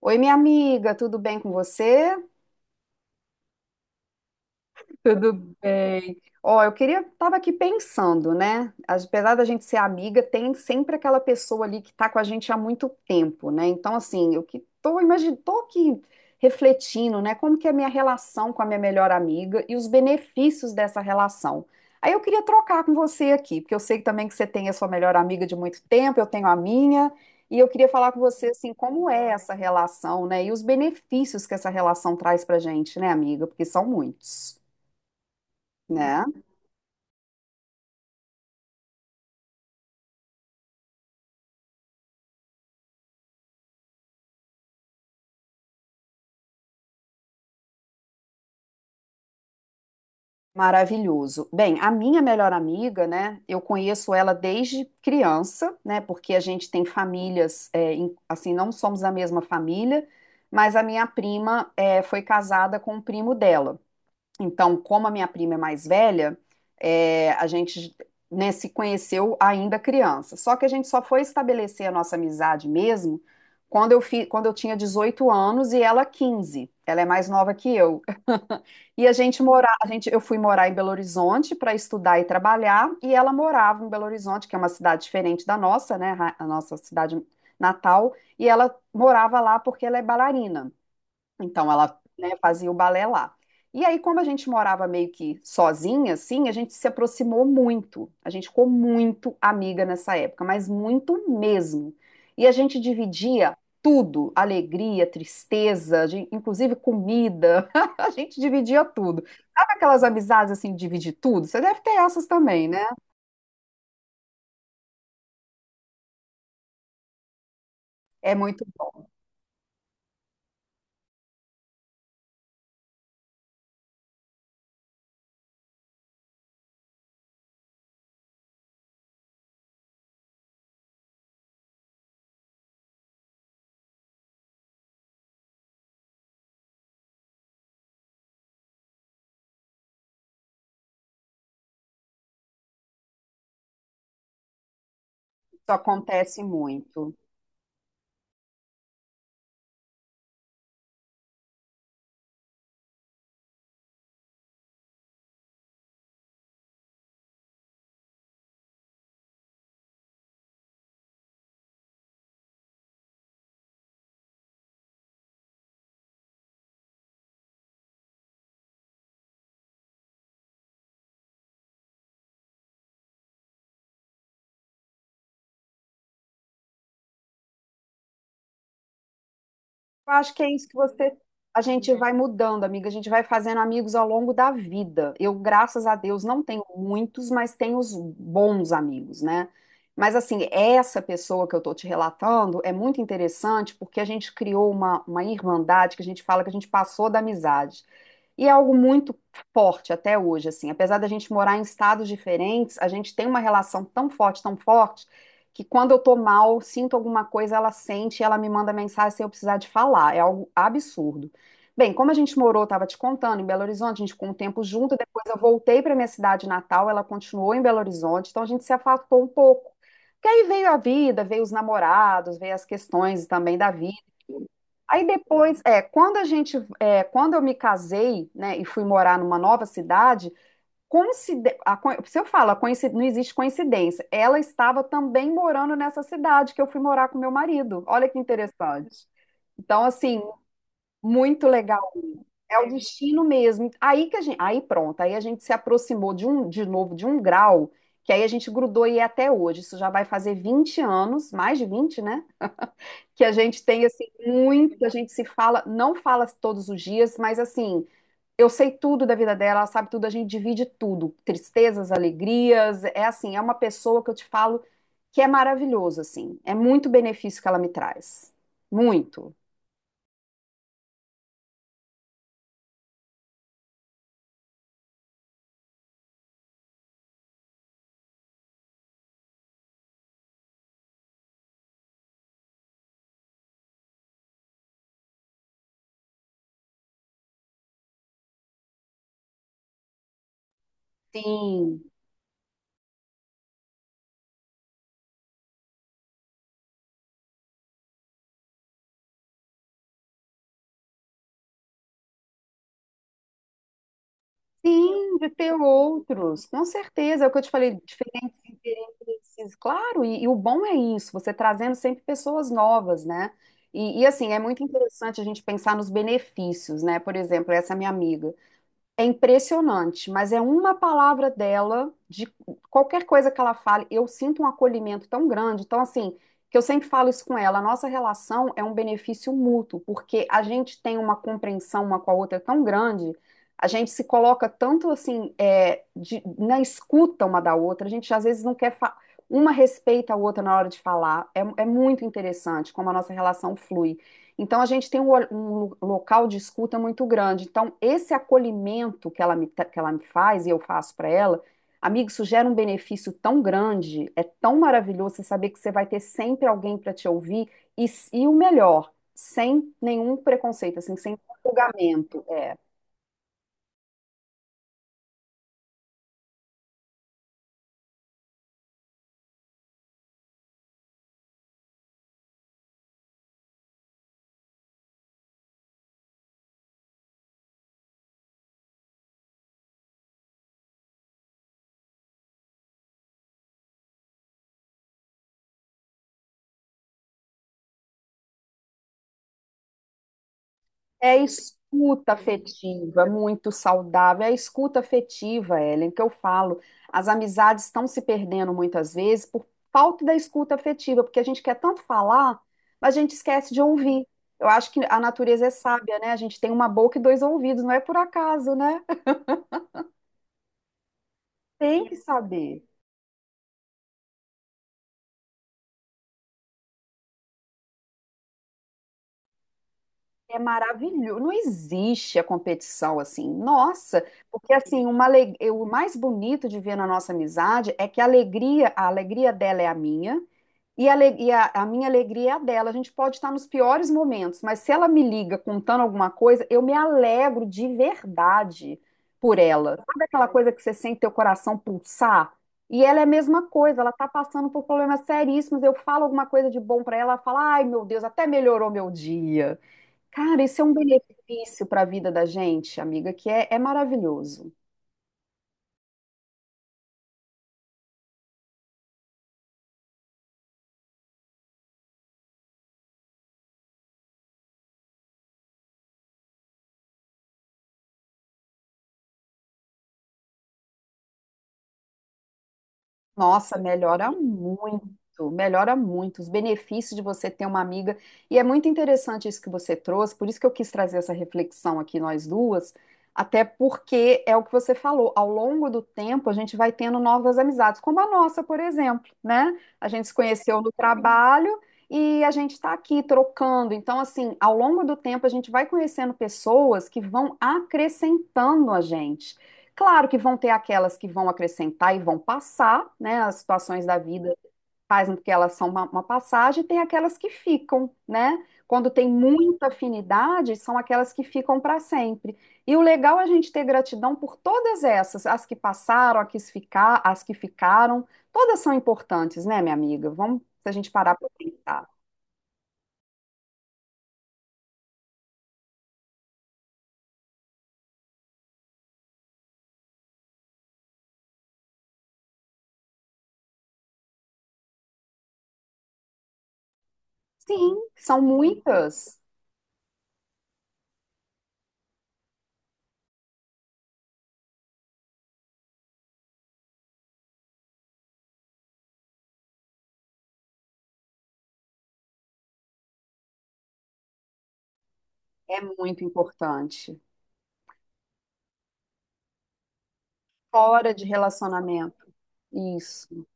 Oi, minha amiga, tudo bem com você? Tudo bem. Ó, eu queria, tava aqui pensando, né? Apesar da gente ser amiga, tem sempre aquela pessoa ali que tá com a gente há muito tempo, né? Então, assim, eu que tô, tô aqui refletindo, né? Como que é a minha relação com a minha melhor amiga e os benefícios dessa relação. Aí eu queria trocar com você aqui, porque eu sei também que você tem a sua melhor amiga de muito tempo, eu tenho a minha, e eu queria falar com você, assim, como é essa relação, né? E os benefícios que essa relação traz pra gente, né, amiga? Porque são muitos. Né? Maravilhoso. Bem, a minha melhor amiga, né? Eu conheço ela desde criança, né? Porque a gente tem famílias, é, assim, não somos da mesma família, mas a minha prima é, foi casada com o primo dela. Então, como a minha prima é mais velha, é, a gente, né, se conheceu ainda criança. Só que a gente só foi estabelecer a nossa amizade mesmo quando eu tinha 18 anos e ela 15. Ela é mais nova que eu. E a gente morar, a gente, eu fui morar em Belo Horizonte para estudar e trabalhar, e ela morava em Belo Horizonte, que é uma cidade diferente da nossa, né, a nossa cidade natal, e ela morava lá porque ela é bailarina. Então ela, né, fazia o balé lá. E aí, como a gente morava meio que sozinha, assim, a gente se aproximou muito. A gente ficou muito amiga nessa época, mas muito mesmo. E a gente dividia tudo, alegria, tristeza, inclusive comida. A gente dividia tudo. Sabe aquelas amizades assim, de dividir tudo? Você deve ter essas também, né? É muito bom, isso acontece muito. Eu acho que é isso que você. A gente vai mudando, amiga. A gente vai fazendo amigos ao longo da vida. Eu, graças a Deus, não tenho muitos, mas tenho os bons amigos, né? Mas, assim, essa pessoa que eu tô te relatando é muito interessante porque a gente criou uma irmandade que a gente fala que a gente passou da amizade. E é algo muito forte até hoje, assim. Apesar da gente morar em estados diferentes, a gente tem uma relação tão forte que quando eu tô mal, sinto alguma coisa, ela sente, e ela me manda mensagem sem eu precisar de falar. É algo absurdo. Bem, como a gente morou, estava te contando, em Belo Horizonte, a gente ficou um tempo junto, depois eu voltei para minha cidade natal, ela continuou em Belo Horizonte, então a gente se afastou um pouco. Porque aí veio a vida, veio os namorados, veio as questões também da vida. Aí depois, é, quando eu me casei, né, e fui morar numa nova cidade. Se eu falo, não existe coincidência. Ela estava também morando nessa cidade que eu fui morar com meu marido. Olha que interessante. Então, assim, muito legal. É o destino mesmo. Aí a gente se aproximou de novo, de um grau, que aí a gente grudou e é até hoje. Isso já vai fazer 20 anos, mais de vinte, né? Que a gente tem assim muito, a gente se fala, não fala todos os dias, mas assim, eu sei tudo da vida dela, ela sabe tudo, a gente divide tudo, tristezas, alegrias, é assim, é uma pessoa que eu te falo que é maravilhoso, assim, é muito benefício que ela me traz, muito. Sim, sim, de ter outros, com certeza, é o que eu te falei, diferentes interesses, claro, e o bom é isso, você trazendo sempre pessoas novas, né? E assim, é muito interessante a gente pensar nos benefícios, né? Por exemplo, essa minha amiga. É impressionante, mas é uma palavra dela, de qualquer coisa que ela fale, eu sinto um acolhimento tão grande. Então, assim, que eu sempre falo isso com ela, a nossa relação é um benefício mútuo, porque a gente tem uma compreensão uma com a outra tão grande, a gente se coloca tanto assim, é, na escuta uma da outra, a gente às vezes não quer, fa- uma respeita a outra na hora de falar. É, é muito interessante como a nossa relação flui. Então, a gente tem um local de escuta muito grande. Então, esse acolhimento que ela me faz e eu faço para ela, amigo, isso gera um benefício tão grande, é tão maravilhoso você saber que você vai ter sempre alguém para te ouvir e, e o melhor, sem nenhum preconceito, assim, sem julgamento. É. É a escuta afetiva, muito saudável. É a escuta afetiva, Ellen, que eu falo. As amizades estão se perdendo muitas vezes por falta da escuta afetiva, porque a gente quer tanto falar, mas a gente esquece de ouvir. Eu acho que a natureza é sábia, né? A gente tem uma boca e dois ouvidos, não é por acaso, né? Tem que saber. É maravilhoso. Não existe a competição assim. Nossa, porque assim, o mais bonito de ver na nossa amizade é que a alegria dela é a minha e, a minha alegria é a dela. A gente pode estar nos piores momentos, mas se ela me liga contando alguma coisa, eu me alegro de verdade por ela. Sabe aquela coisa que você sente teu coração pulsar? E ela é a mesma coisa, ela está passando por problemas seríssimos. Eu falo alguma coisa de bom para ela, ela fala: ai meu Deus, até melhorou meu dia. Cara, isso é um benefício para a vida da gente, amiga, que é maravilhoso. Nossa, melhora muito os benefícios de você ter uma amiga. E é muito interessante isso que você trouxe, por isso que eu quis trazer essa reflexão aqui nós duas, até porque é o que você falou, ao longo do tempo a gente vai tendo novas amizades, como a nossa, por exemplo, né? A gente se conheceu no trabalho e a gente está aqui trocando. Então, assim, ao longo do tempo a gente vai conhecendo pessoas que vão acrescentando a gente. Claro que vão ter aquelas que vão acrescentar e vão passar, né? As situações da vida fazem com que elas são uma passagem, e tem aquelas que ficam, né? Quando tem muita afinidade, são aquelas que ficam para sempre. E o legal é a gente ter gratidão por todas essas, as que passaram, as que ficaram, todas são importantes, né, minha amiga? Vamos, se a gente parar para pensar. Sim, são muitas. É muito importante. Fora de relacionamento. Isso.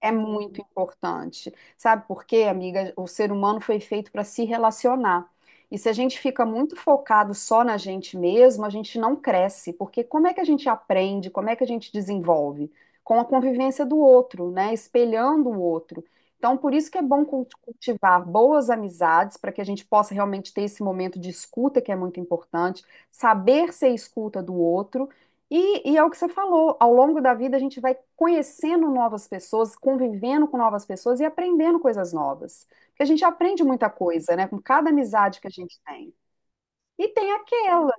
É muito importante. Sabe por quê, amiga? O ser humano foi feito para se relacionar. E se a gente fica muito focado só na gente mesmo, a gente não cresce, porque como é que a gente aprende, como é que a gente desenvolve? Com a convivência do outro, né? Espelhando o outro. Então, por isso que é bom cultivar boas amizades, para que a gente possa realmente ter esse momento de escuta, que é muito importante, saber ser escuta do outro e é o que você falou, ao longo da vida a gente vai conhecendo novas pessoas, convivendo com novas pessoas e aprendendo coisas novas. Porque a gente aprende muita coisa, né, com cada amizade que a gente tem. E tem aquelas,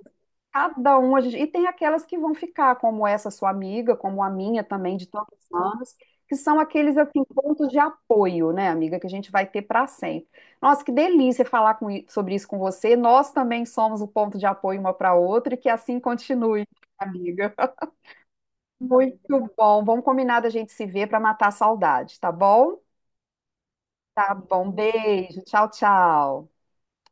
cada um, a gente, e tem aquelas que vão ficar, como essa sua amiga, como a minha também, de tantos anos, que são aqueles, assim, pontos de apoio, né, amiga, que a gente vai ter para sempre. Nossa, que delícia falar sobre isso com você. Nós também somos o ponto de apoio uma para outra e que assim continue, amiga. Muito bom. Vamos combinar da gente se ver para matar a saudade, tá bom? Tá bom. Beijo. Tchau, tchau.